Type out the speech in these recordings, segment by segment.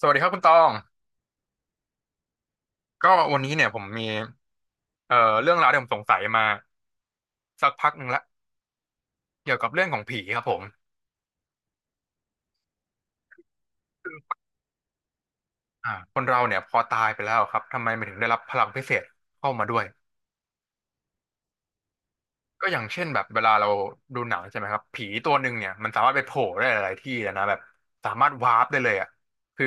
สวัสดีครับคุณตองก็วันนี้เนี่ยผมมีเอ่อเรื่องราวที่ผมสงสัยมาสักพักหนึ่งละเกี่ยวกับเรื่องของผีครับผมคนเราเนี่ยพอตายไปแล้วครับทำไมมันถึงได้รับพลังพิเศษเข้ามาด้วยก็อย่างเช่นแบบเวลาเราดูหนังใช่ไหมครับผีตัวหนึ่งเนี่ยมันสามารถไปโผล่ได้หลายๆที่เลยนะแบบสามารถวาร์ปได้เลยอ่ะคือ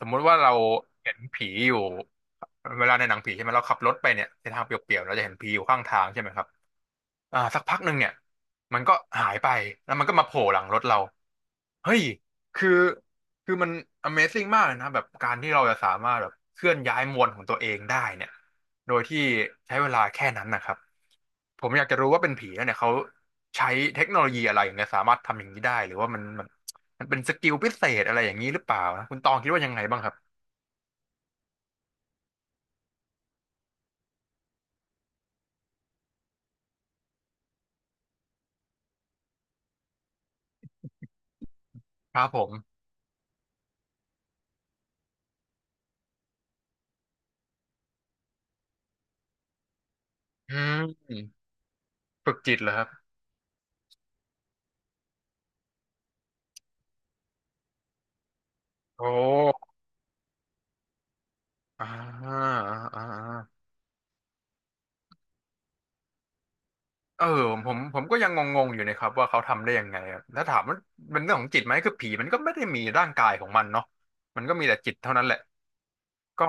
สมมุติว่าเราเห็นผีอยู่เวลาในหนังผีใช่ไหมเราขับรถไปเนี่ยในทางเปลี่ยวๆเราจะเห็นผีอยู่ข้างทางใช่ไหมครับสักพักหนึ่งเนี่ยมันก็หายไปแล้วมันก็มาโผล่หลังรถเรา เฮ้ยคือคือมัน Amazing มากเลยนะแบบการที่เราจะสามารถแบบเคลื่อนย้ายมวลของตัวเองได้เนี่ยโดยที่ใช้เวลาแค่นั้นนะครับ ผมอยากจะรู้ว่าเป็นผีแล้วเนี่ยเขาใช้เทคโนโลยีอะไรเนี่ยสามารถทำอย่างนี้ได้หรือว่ามันเป็นสกิลพิเศษอะไรอย่างนี้หรือเปล่านะคุณตองคิดว่ายังไงบ้างครับครับผมอืมฝึกจิตเหรอครับโอ้อ่าอ่าอ่า เออผมก็ยังงงๆอยู่นะครับว่าเขาทำได้ยังไงอะถ้าถามว่าเป็นเรื่องของจิตไหมคือผีมันก็ไม่ได้มีร่างกายของมันเนาะมันก็มีแต่จิตเท่านั้นแหละก็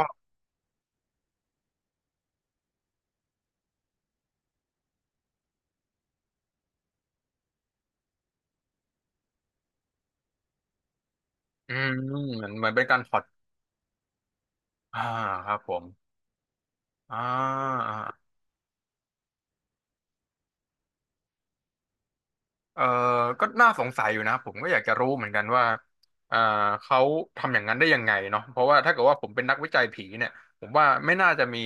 อืมเหมือนเป็นการพอดอ่าครับผมอ่า เออก็น่าสงสัยอยู่นะผมก็อยากจะรู้เหมือนกันว่าเออเขาทำอย่างนั้นได้ยังไงเนาะเพราะว่าถ้าเกิดว่าผมเป็นนักวิจัยผีเนี่ยผมว่าไม่น่าจะมี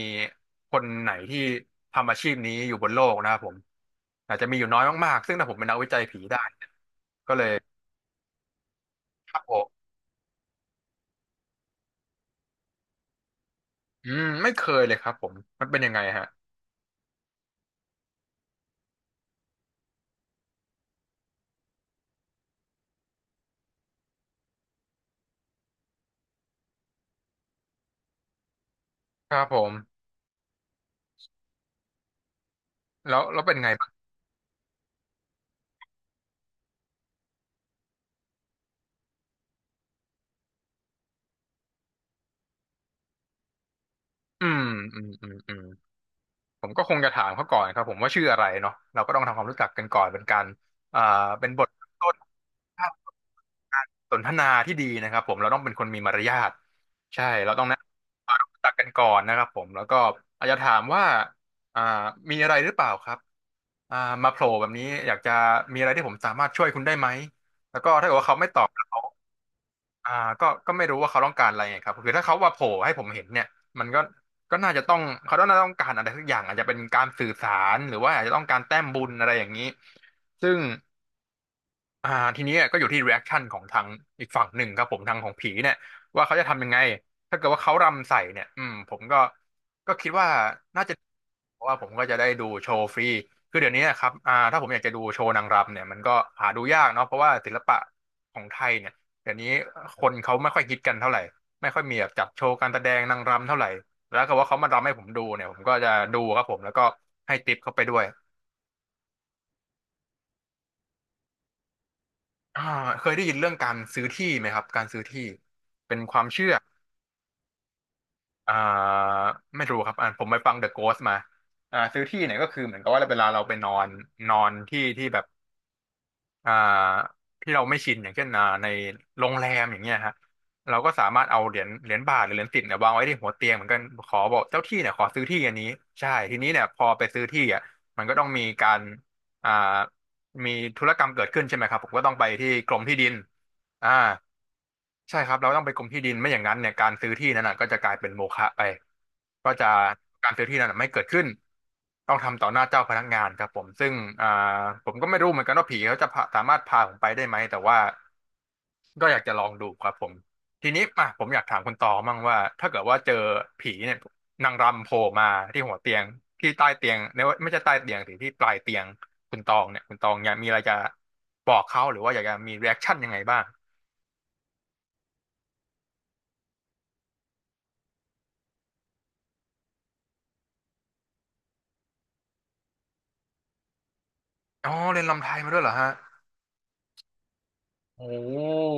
คนไหนที่ทำอาชีพนี้อยู่บนโลกนะครับผมอาจจะมีอยู่น้อยมากๆซึ่งถ้าผมเป็นนักวิจัยผีได้เนี่ยก็เลยครับผมไม่เคยเลยครับผมมันเป็นยังไงฮะครับผมแล้วเป็นไงบ้างอืมอืมอืมอืม ผมก็คงจะถามเขาก่อนครับผมว่าชื่ออะไรเนาะเราก็ต้องทำความรู้จักกันก่อนเป็นการอ่าเป็นบทเริ่มต้นการสนทนาที่ดีนะครับผมเราต้องเป็นคนมีมารยาทใช่เราต้องแนะนำรู้จักกันก่อนนะครับผมแล้วก็อาจจะถามว่าอ่ามีอะไรหรือเปล่าครับอ่ามาโผล่แบบนี้อยากจะมีอะไรที่ผมสามารถช่วยคุณได้ไหมแล้วก็ถ้าเกิดว่าเขาไม่ตอบ อ่าก็ไม่รู้ว่าเขาต้องการอะไรไงครับคือถ้าเขาว่าโผล่ให้ผมเห็นเนี่ยมันก็น่าจะต้องเขาต้องน่าต้องการอะไรสักอย่างอาจจะเป็นการสื่อสารหรือว่าอาจจะต้องการแต้มบุญอะไรอย่างนี้ซึ่ง อ่าทีนี้ก็อยู่ที่ reaction ของทางอีกฝั่งหนึ่งครับผมทางของผีเนี่ยว่าเขาจะทำยังไงถ้าเกิดว่าเขารำใส่เนี่ยผมก็คิดว่าน่าจะเพราะว่าผมก็จะได้ดูโชว์ฟรีคือเดี๋ยวนี้นะครับถ้าผมอยากจะดูโชว์นางรำเนี่ยมันก็หาดูยากเนาะเพราะว่าศิลปะของไทยเนี่ยเดี๋ยวนี้คนเขาไม่ค่อยฮิตกันเท่าไหร่ไม่ค่อยมีแบบจัดโชว์การแสดงนางรำเท่าไหร่แล้วก็ว่าเขามารำให้ผมดูเนี่ยผมก็จะดูครับผมแล้วก็ให้ติปเขาไปด้วย อ่าเคยได้ยินเรื่องการซื้อที่ไหมครับการซื้อที่เป็นความเชื่ออ่าไม่รู้ครับผมไปฟัง The Ghost มาซื้อที่เนี่ยก็คือเหมือนกับว่าเวลาเราไปนอนนอนที่ที่แบบอ่าที่เราไม่ชินอย่างเช่นในโรงแรมอย่างเงี้ยฮะเราก็สามารถเอาเหรียญเหรียญบาทหรือเหรียญสิบเนี่ยวางไว้ที่หัวเตียงเหมือนกันขอบอกเจ้าที่เนี่ยขอซื้อที่อันนี้ใช่ทีนี้เนี่ยพอไปซื้อที่อ่ะมันก็ต้องมีการอ่ามีธุรกรรมเกิดขึ้นใช่ไหมครับผมก็ต้องไปที่กรมที่ดิน อ่าใช่ครับเราต้องไปกรมที่ดินไม่อย่างนั้นเนี่ยการซื้อที่นั้นน่ะก็จะกลายเป็นโมฆะไปก็จะการซื้อที่นั้นน่ะไม่เกิดขึ้นต้องทำต่อหน้าเจ้าพนักงานครับผมซึ่งอ่าผมก็ไม่รู้เหมือนกันว่าผีเขาจะสามารถพาผมไปได้ไหมแต่ว่าก็อยากจะลองดูครับผมทีนี้อ่ะผมอยากถามคุณตองมั่งว่าถ้าเกิดว่าเจอผีเนี่ยนางรำโผล่มาที่หัวเตียงที่ใต้เตียงเนี่ยไม่ใช่ใต้เตียงสิที่ปลายเตียงคุณตองเนี่ยคุณตองอยากมีอะไรจะบอกเขาหรือว่าอยากจะมีรีแอคชั่นยังไงบ้าง อ๋อเรียนรำไทยมาด้วยเหรอฮะโอ้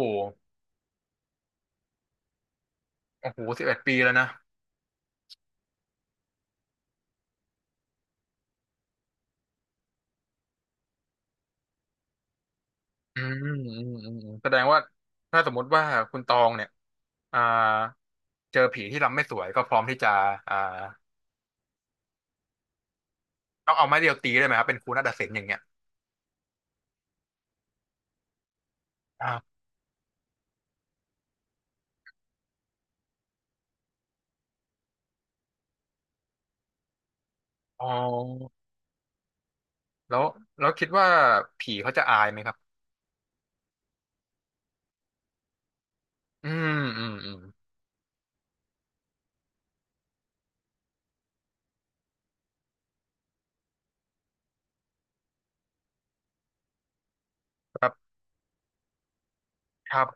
โอ้โห11 ปีแล้วนะแสดงว่าถ้าสมมติว่าคุณตองเนี่ยอ่าเจอผีที่รำไม่สวยก็พร้อมที่จะอ่าต้องเอาไม้เรียวตีได้ไหมครับเป็นครูนาฏศิลป์อย่างเงี้ยครับอ๋อแล้วแล้วคิดว่าผีเขาจะอายไหมครับอืมอืมอืมครับครับ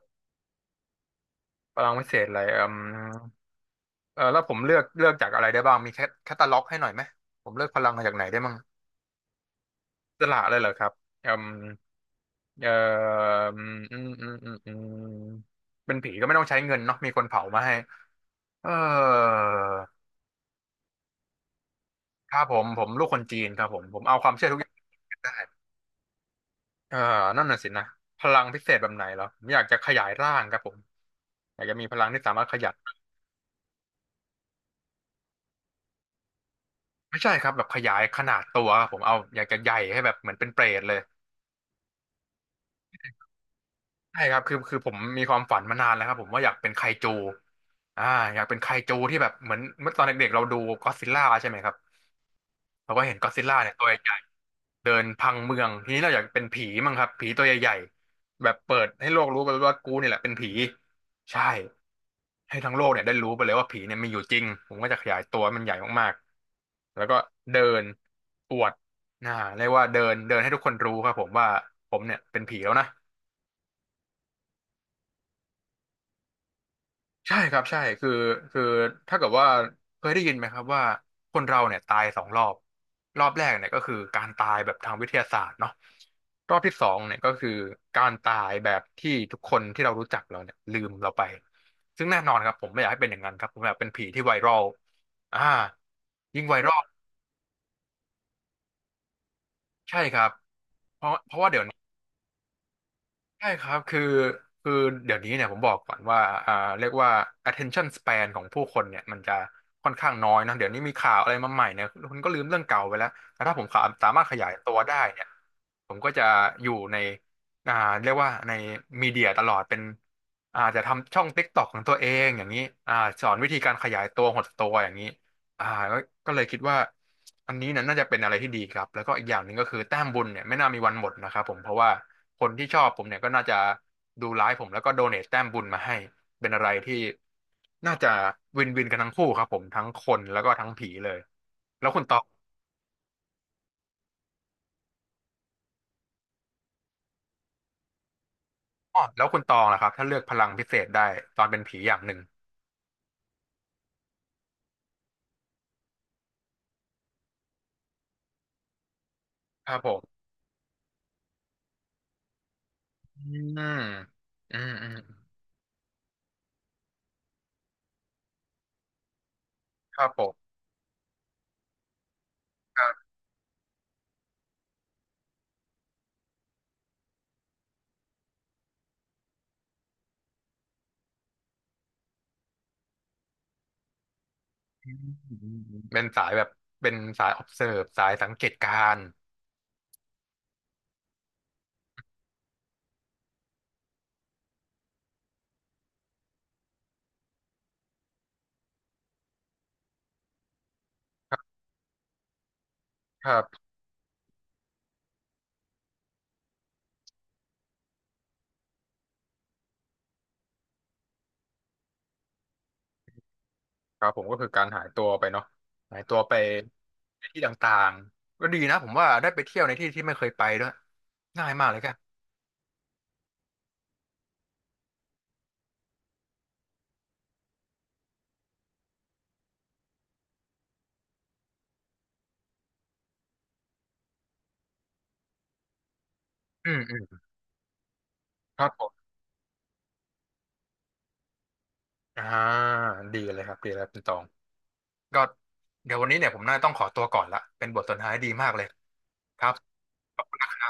พลังวิเศษอะไรเออแล้วผมเลือกจากอะไรได้บ้างมีแคตตาล็อกให้หน่อยไหมผมเลือกพลังมาจากไหนได้บ้างสละเลยเหรอครับอืม เอ่ออืมอืมอืมอืมอืมเป็นผีก็ไม่ต้องใช้เงินเนาะมีคนเผามาให้เออครับผมลูกคนจีนครับผมเอาความเชื่อทุกอย่างได้เออนั่นน่ะสินะพลังพิเศษแบบไหนเหรอผมอยากจะขยายร่างครับผมอยากจะมีพลังที่สามารถขยายไม่ใช่ครับแบบขยายขนาดตัวครับผมเอาอยากจะใหญ่ให้แบบเหมือนเป็นเปรตเลยใช่ครับคือผมมีความฝันมานานแล้วครับผมว่าอยากเป็นไคจูอ่าอยากเป็นไคจูที่แบบเหมือนเมื่อตอนเด็กๆเราดูก็อดซิลล่าใช่ไหมครับเราก็เห็นก็อดซิลล่าเนี่ยตัวใหญ่ เดินพังเมืองทีนี้เราอยากเป็นผีมั้งครับผีตัวใหญ่ๆแบบเปิดให้โลกรู้ไปว่ากูเนี่ยแหละเป็นผีใช่ให้ทั้งโลกเนี่ยได้รู้ไปเลยว่าผีเนี่ยมีอยู่จริงผมก็จะขยายตัวให้มันใหญ่มากๆแล้วก็เดินอวดนะเรียกว่าเดินเดินให้ทุกคนรู้ครับผมว่าผมเนี่ยเป็นผีแล้วนะ ใช่ครับใช่คือถ้าเกิดว่าเคยได้ยินไหมครับว่าคนเราเนี่ยตายสองรอบรอบแรกเนี่ยก็คือการตายแบบทางวิทยาศาสตร์เนาะรอบที่สองเนี่ยก็คือการตายแบบที่ทุกคนที่เรารู้จักเราเนี่ยลืมเราไปซึ่งแน่นอนครับผมไม่อยากให้เป็นอย่างนั้นครับผมอยากเป็นผีที่ไวรัลอ่ายิ่งไวรัลใช่ครับเพราะว่าเดี๋ยว ใช่ครับคือเดี๋ยวนี้เนี่ยผมบอกก่อนว่าอ่าเรียกว่า attention span ของผู้คนเนี่ยมันจะค่อนข้างน้อยนะเดี๋ยวนี้มีข่าวอะไรมาใหม่เนี่ยคุณก็ลืมเรื่องเก่าไปแล้วแต่ถ้าผมขาสามารถขยายตัวได้เนี่ยผมก็จะอยู่ในอ่าเรียกว่าในมีเดียตลอดเป็นอาจจะทำช่อง TikTok ของตัวเองอย่างนี้อ่าสอนวิธีการขยายตัวหดตัวอย่างนี้ อ่าก็ก็เลยคิดว่าอันนี้นี่น่าจะเป็นอะไรที่ดีครับแล้วก็อีกอย่างหนึ่งก็คือแต้มบุญเนี่ยไม่น่ามีวันหมดนะครับผมเพราะว่าคนที่ชอบผมเนี่ยก็น่าจะดูไลฟ์ผมแล้วก็โดเนทแต้มบุญมาให้เป็นอะไรที่น่าจะวินวินกันทั้งคู่ครับผมทั้งคนแล้วก็ทั้งผีเลยแล้วคุณตองอ๋อแล้วคุณตองล่ะครับถ้าเลือกพลังพิเศษได้ตอนเป็นผีอย่างหนึ่งครับผมอืมอืมอืมครับผมครับอืมเป็นสายแบบเป็นสาย observe สายสังเกตการณ์ครับ ครับผมก็คือการหายตัวไปเนาะหายตัวไปในที่ต่างๆก็ดีนะผมว่าได้ไปเที่ยวในที่ที่ไม่เคยไปด้วยง่ายมากเลยแกอืมอืมครับผมอ่าดีเลยครับดีแล้วคุณตองก็เดี๋ยววันนี้เนี่ยผมน่าจะต้องขอตัวก่อนละเป็นบทสนทนาที่ดีมากเลยครับขอบคุณนะครับ